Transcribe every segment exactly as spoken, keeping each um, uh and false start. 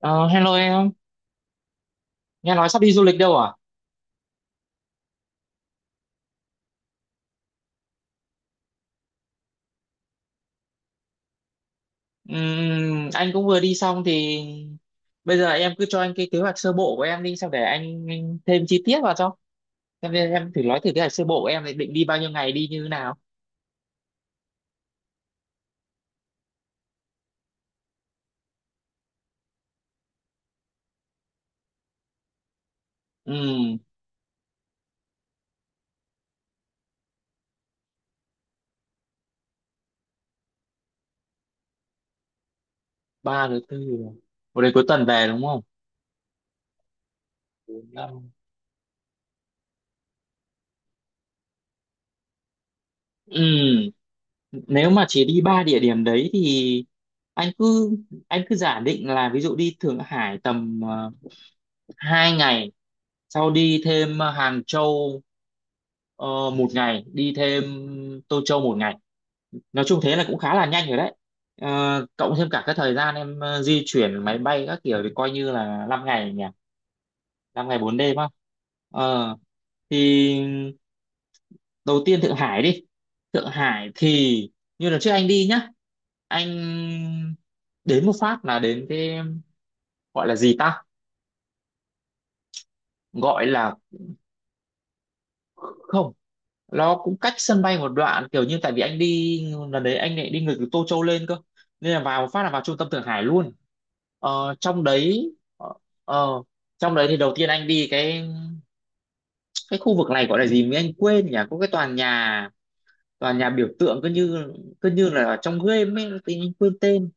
Ờ, Hello em, nghe nói sắp đi du lịch đâu à? Ừm, anh cũng vừa đi xong thì bây giờ em cứ cho anh cái kế hoạch sơ bộ của em đi, xong để anh, thêm chi tiết vào cho. Em, em thử nói thử kế hoạch sơ bộ của em thì định đi bao nhiêu ngày đi như thế nào? Ừm, Ba thứ tư, một đến cuối tuần về đúng không? Bốn, năm. Ừm, Nếu mà chỉ đi ba địa điểm đấy thì anh cứ anh cứ giả định là ví dụ đi Thượng Hải tầm ờ, hai ngày, sau đi thêm ờ, Hàng Châu ờ, một ngày, đi thêm Tô Châu một ngày. Nói chung thế là cũng khá là nhanh rồi đấy. Ờ, cộng thêm cả cái thời gian em ờ, di chuyển máy bay các kiểu thì coi như là năm ngày nhỉ, năm ngày bốn đêm á. ờ, thì đầu tiên Thượng Hải đi. Thượng Hải thì như lần trước anh đi nhá, anh đến một phát là đến cái, gọi là gì ta, gọi là. Không, nó cũng cách sân bay một đoạn, kiểu như tại vì anh đi lần đấy anh lại đi ngược từ Tô Châu lên cơ, nên là vào một phát là vào trung tâm Thượng Hải luôn. Ờ, trong đấy, ờ, ờ, trong đấy thì đầu tiên anh đi cái cái khu vực này gọi là gì mới anh quên nhỉ, có cái tòa nhà, tòa nhà biểu tượng cứ như, cứ như là ở trong game ấy thì anh quên tên.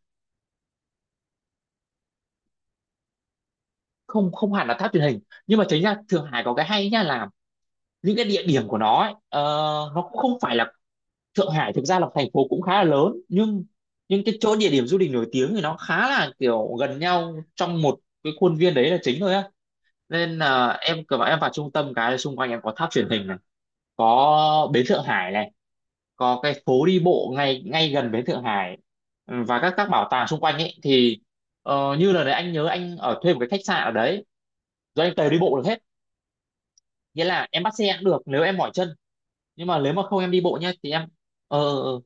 Không, không hẳn là tháp truyền hình, nhưng mà chính ra Thượng Hải có cái hay nhá là những cái địa điểm của nó ấy, ờ, nó cũng không phải là. Thượng Hải thực ra là thành phố cũng khá là lớn, nhưng nhưng cái chỗ địa điểm du lịch nổi tiếng thì nó khá là kiểu gần nhau trong một cái khuôn viên đấy là chính thôi á. Nên là em cứ bảo em vào trung tâm cái là xung quanh em có tháp truyền hình này, có bến Thượng Hải này, có cái phố đi bộ ngay ngay gần bến Thượng Hải. Ừ, và các các bảo tàng xung quanh ấy thì, ờ, như là đấy anh nhớ anh ở thuê một cái khách sạn ở đấy rồi anh tới đi bộ được hết. Nghĩa là em bắt xe cũng được nếu em mỏi chân, nhưng mà nếu mà không em đi bộ nhá thì em, ờ ờ, ờ.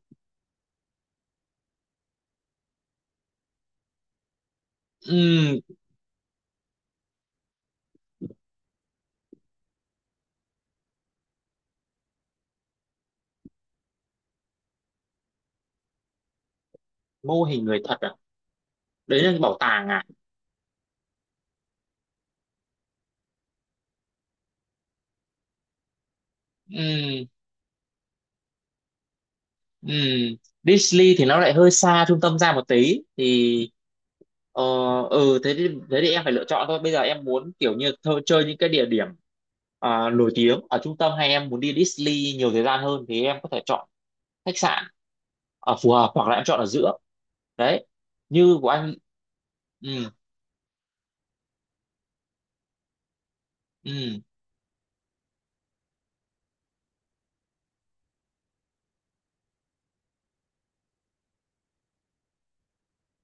Ừm, Mô hình người thật à? Đấy là bảo tàng à? Ừ. Ừ. Disney thì nó lại hơi xa trung tâm ra một tí thì, ờ ừ. Thế thì, thế thì em phải lựa chọn thôi, bây giờ em muốn kiểu như thơ, chơi những cái địa điểm, à, nổi tiếng ở trung tâm hay em muốn đi Disney nhiều thời gian hơn thì em có thể chọn khách sạn ở phù hợp, hoặc là em chọn ở giữa đấy, như của anh. Ừ. Ừ.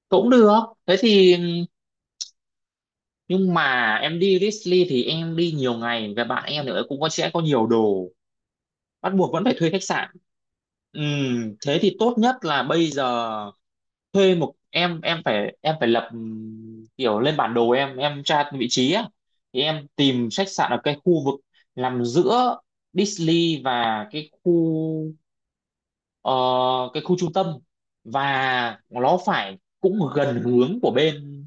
Cũng được, thế thì, nhưng mà em đi Disney thì em đi nhiều ngày và bạn em nữa cũng có, sẽ có nhiều đồ, bắt buộc vẫn phải thuê khách sạn. Ừ, thế thì tốt nhất là bây giờ thuê một, em em phải em phải lập, ừm, kiểu lên bản đồ, em em tra vị trí á, thì em tìm khách sạn ở cái khu vực nằm giữa Disney và cái khu ờ, cái khu trung tâm, và nó phải cũng gần hướng của bên,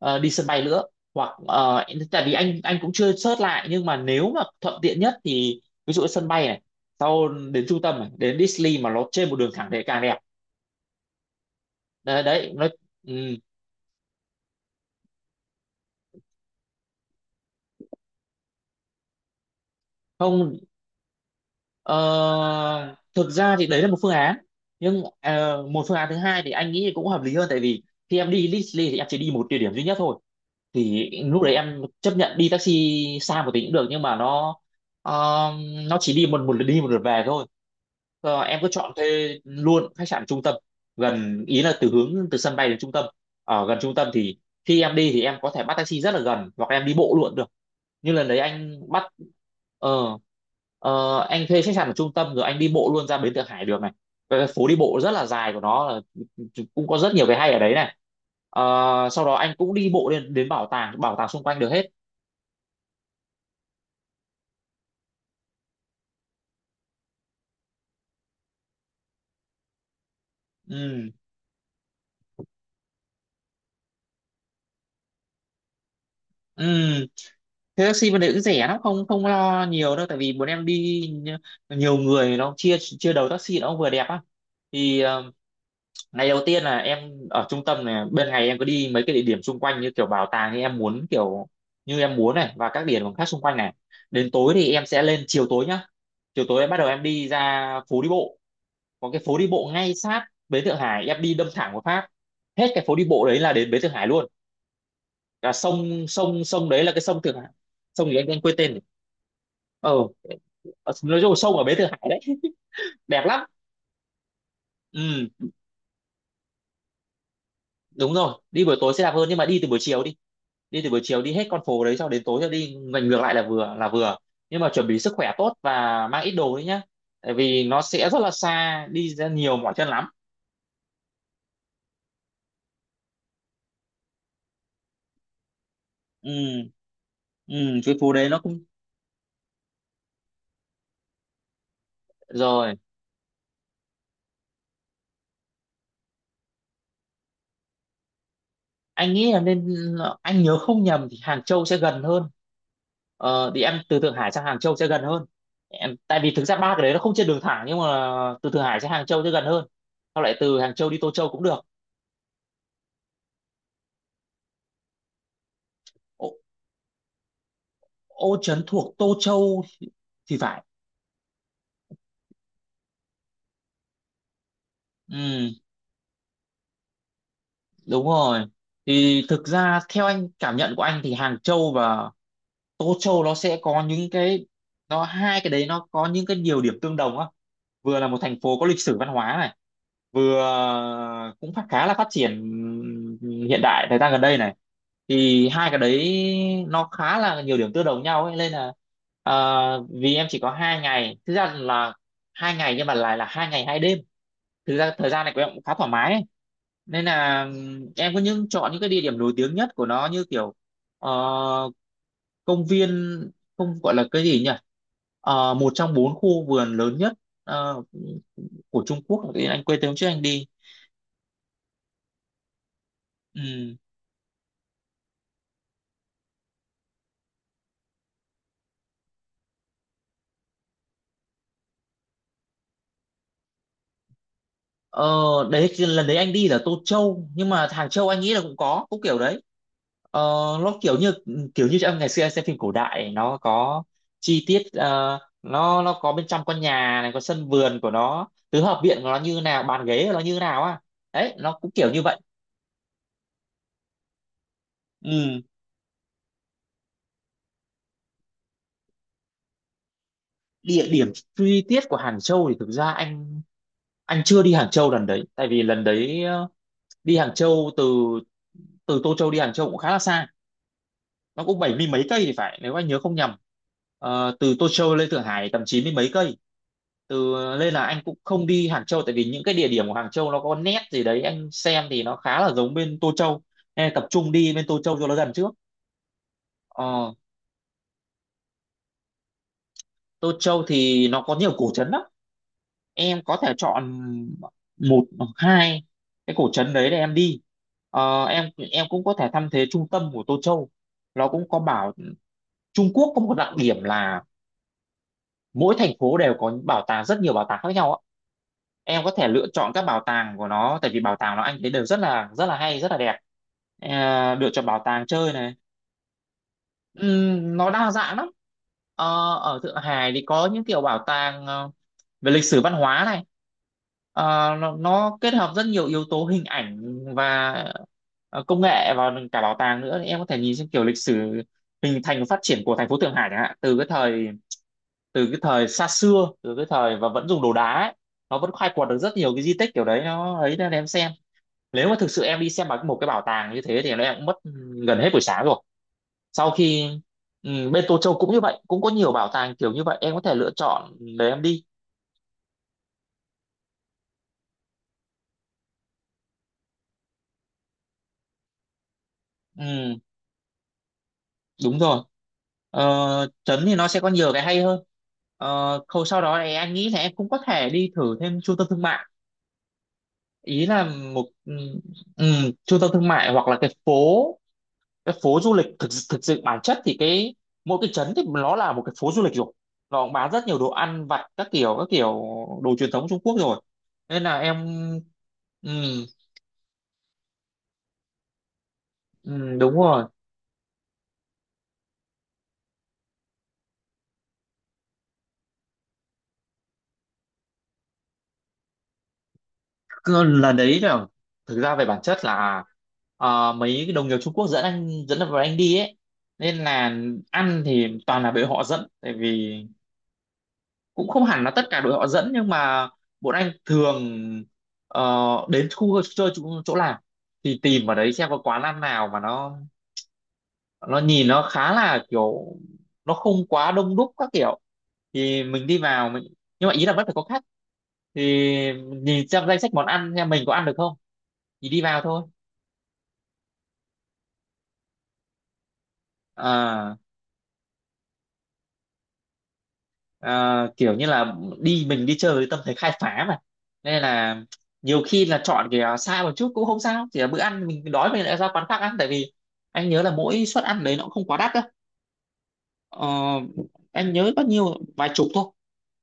ờ, đi sân bay nữa, hoặc ờ, tại vì anh anh cũng chưa search lại, nhưng mà nếu mà thuận tiện nhất thì ví dụ ở sân bay này, sau đến trung tâm này, đến Disney mà nó trên một đường thẳng thì càng đẹp. Đấy, đấy nó. Ừ, không. ờ, Thực ra thì đấy là một phương án, nhưng ờ, một phương án thứ hai thì anh nghĩ cũng hợp lý hơn, tại vì khi em đi Disney thì em chỉ đi một địa điểm duy nhất thôi, thì lúc đấy em chấp nhận đi taxi xa một tí cũng được, nhưng mà nó, ờ, nó chỉ đi một một lượt đi một lượt về thôi. Ờ, em cứ chọn thuê luôn khách sạn trung tâm, gần ý là từ hướng từ sân bay đến trung tâm, ở gần trung tâm thì khi em đi thì em có thể bắt taxi rất là gần hoặc em đi bộ luôn được, như lần đấy anh bắt, ờ ờ, anh thuê khách sạn ở trung tâm rồi anh đi bộ luôn ra bến Thượng Hải được này, cái phố đi bộ rất là dài của nó là, cũng có rất nhiều cái hay ở đấy này. Ờ, Sau đó anh cũng đi bộ lên đến bảo tàng, bảo tàng xung quanh được hết. Ừ. Ừ. Thế taxi bên đấy cũng rẻ lắm, không, không lo nhiều đâu, tại vì bọn em đi nhi- nhiều người nó chia chia đầu taxi nó cũng vừa đẹp á. Thì ờ, ngày đầu tiên là em ở trung tâm này, bên ngày em có đi mấy cái địa điểm xung quanh như kiểu bảo tàng như em muốn, kiểu như em muốn này, và các địa điểm khác xung quanh này. Đến tối thì em sẽ lên chiều tối nhá, chiều tối em bắt đầu em đi ra phố đi bộ. Có cái phố đi bộ ngay sát bến Thượng Hải, em đi đâm thẳng vào Pháp, hết cái phố đi bộ đấy là đến bến Thượng Hải luôn, là sông sông sông đấy, là cái sông Thượng Hải. Sông gì anh, anh quên tên rồi. ờ ờ, nói chung là sông ở bến Thượng Hải đấy đẹp lắm. Ừ, đúng rồi, đi buổi tối sẽ đẹp hơn, nhưng mà đi từ buổi chiều đi đi từ buổi chiều đi hết con phố đấy, xong đến tối rồi đi ngoảnh ngược lại là vừa, là vừa. Nhưng mà chuẩn bị sức khỏe tốt và mang ít đồ đấy nhá, tại vì nó sẽ rất là xa đi ra nhiều mỏi chân lắm. Ừ. Ừ. Cái phố đấy nó cũng, rồi, anh nghĩ là nên, anh nhớ không nhầm thì Hàng Châu sẽ gần hơn, ờ, đi ăn từ Thượng Hải sang Hàng Châu sẽ gần hơn. Em, tại vì thực ra ba cái đấy nó không trên đường thẳng, nhưng mà từ Thượng Hải sang Hàng Châu sẽ gần hơn, sau lại từ Hàng Châu đi Tô Châu cũng được. Ô, Ô Trấn thuộc Tô Châu thì phải. Ừ. Đúng rồi. Thì thực ra theo anh, cảm nhận của anh thì Hàng Châu và Tô Châu nó sẽ có những cái nó, hai cái đấy nó có những cái nhiều điểm tương đồng á. Vừa là một thành phố có lịch sử văn hóa này, vừa cũng phát khá là phát triển hiện đại thời gian gần đây này. Thì hai cái đấy nó khá là nhiều điểm tương đồng nhau ấy nên là, à, vì em chỉ có hai ngày, thực ra là hai ngày nhưng mà lại là hai ngày hai đêm, thực ra thời gian này của em cũng khá thoải mái ấy. Nên là ừm, em có những chọn những cái địa điểm nổi tiếng nhất của nó như kiểu, ờ, công viên, không, gọi là cái gì nhỉ. Ờ, một trong bốn khu vườn lớn nhất, ờ, của Trung Quốc, tự anh quên tên hôm trước anh đi. Ừ. Ờ, Đấy lần đấy anh đi là Tô Châu, nhưng mà Hàng Châu anh nghĩ là cũng có cũng kiểu đấy. ờ, nó kiểu như kiểu như trong ngày xưa anh xem phim cổ đại nó có chi tiết, ờ, nó nó có bên trong con nhà này có sân vườn của nó, tứ hợp viện của nó như nào bàn ghế của nó như nào á. Đấy nó cũng kiểu như vậy. Ừ. Địa điểm chi tiết của Hàng Châu thì thực ra anh anh chưa đi Hàng Châu lần đấy. Tại vì lần đấy ờ, đi Hàng Châu từ từ Tô Châu đi Hàng Châu cũng khá là xa, nó cũng bảy mươi mấy cây thì phải, nếu anh nhớ không nhầm. Ờ, từ Tô Châu lên Thượng Hải tầm chín mươi mấy cây. từ Nên là anh cũng không đi Hàng Châu, tại vì những cái địa điểm của Hàng Châu nó có nét gì đấy anh xem thì nó khá là giống bên Tô Châu, nên là tập trung đi bên Tô Châu cho nó gần trước. Ờ, Tô Châu thì nó có nhiều cổ trấn lắm, em có thể chọn một hoặc hai cái cổ trấn đấy để em đi. Ờ, em em cũng có thể thăm thế trung tâm của Tô Châu. Nó cũng có bảo Trung Quốc có một đặc điểm là mỗi thành phố đều có bảo tàng, rất nhiều bảo tàng khác nhau ạ. Em có thể lựa chọn các bảo tàng của nó, tại vì bảo tàng nó anh thấy đều rất là rất là hay, rất là đẹp. À, lựa chọn bảo tàng chơi này. Ừm, nó đa dạng lắm. Ờ, Ở Thượng Hải thì có những kiểu bảo tàng ờ, về lịch sử văn hóa này. Ờ, nó, nó kết hợp rất nhiều yếu tố hình ảnh và ờ, công nghệ vào cả bảo tàng nữa. Thì em có thể nhìn xem kiểu lịch sử hình thành và phát triển của thành phố Thượng Hải, chẳng hạn từ cái thời từ cái thời xa xưa, từ cái thời và vẫn dùng đồ đá ấy, nó vẫn khai quật được rất nhiều cái di tích kiểu đấy nó ấy, nên em xem. Nếu mà thực sự em đi xem bằng một cái bảo tàng như thế thì em cũng mất gần hết buổi sáng rồi. sau khi ừ, Bên Tô Châu cũng như vậy, cũng có nhiều bảo tàng kiểu như vậy, em có thể lựa chọn để em đi. Ừ, đúng rồi. ờ, Trấn thì nó sẽ có nhiều cái hay hơn. Ờ, khâu sau đó thì anh nghĩ là em cũng có thể đi thử thêm trung tâm thương mại, ý là một ừ, ừ, trung tâm thương mại hoặc là cái phố cái phố du lịch. Thực thực sự bản chất thì cái mỗi cái trấn thì nó là một cái phố du lịch rồi, nó cũng bán rất nhiều đồ ăn vặt các kiểu, các kiểu đồ truyền thống Trung Quốc rồi, nên là em. Ừ. Ừ, đúng rồi. Cứ lần đấy là, thực ra về bản chất là, ờ, mấy cái đồng nghiệp Trung Quốc dẫn anh dẫn vào anh đi ấy, nên là ăn thì toàn là đội họ dẫn. Tại vì cũng không hẳn là tất cả đội họ dẫn, nhưng mà bọn anh thường ờ, đến khu chơi, chỗ, chỗ làm thì tìm ở đấy xem có quán ăn nào mà nó nó nhìn nó khá là kiểu nó không quá đông đúc các kiểu, thì mình đi vào mình. Nhưng mà ý là vẫn phải có khách, thì nhìn xem danh sách món ăn xem mình có ăn được không, thì đi vào thôi. à, à, Kiểu như là đi mình đi chơi với tâm thế khai phá mà, nên là nhiều khi là chọn cái à, xa một chút cũng không sao, chỉ là bữa ăn mình đói mình lại ra quán khác ăn. Tại vì anh nhớ là mỗi suất ăn đấy nó cũng không quá đắt đâu. Ờ, em nhớ bao nhiêu vài chục thôi,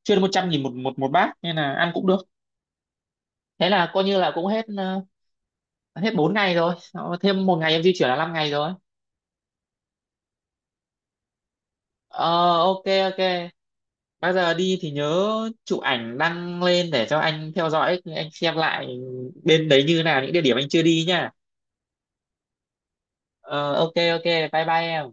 chưa đến một trăm nghìn một một một bát, nên là ăn cũng được. Thế là coi như là cũng hết ờ, hết bốn ngày rồi. Ờ, Thêm một ngày em di chuyển là năm ngày rồi. ờ ok, ok. Bây giờ đi thì nhớ chụp ảnh đăng lên để cho anh theo dõi, anh xem lại bên đấy như nào, những địa điểm anh chưa đi nha. ờ ok, ok. Bye bye em.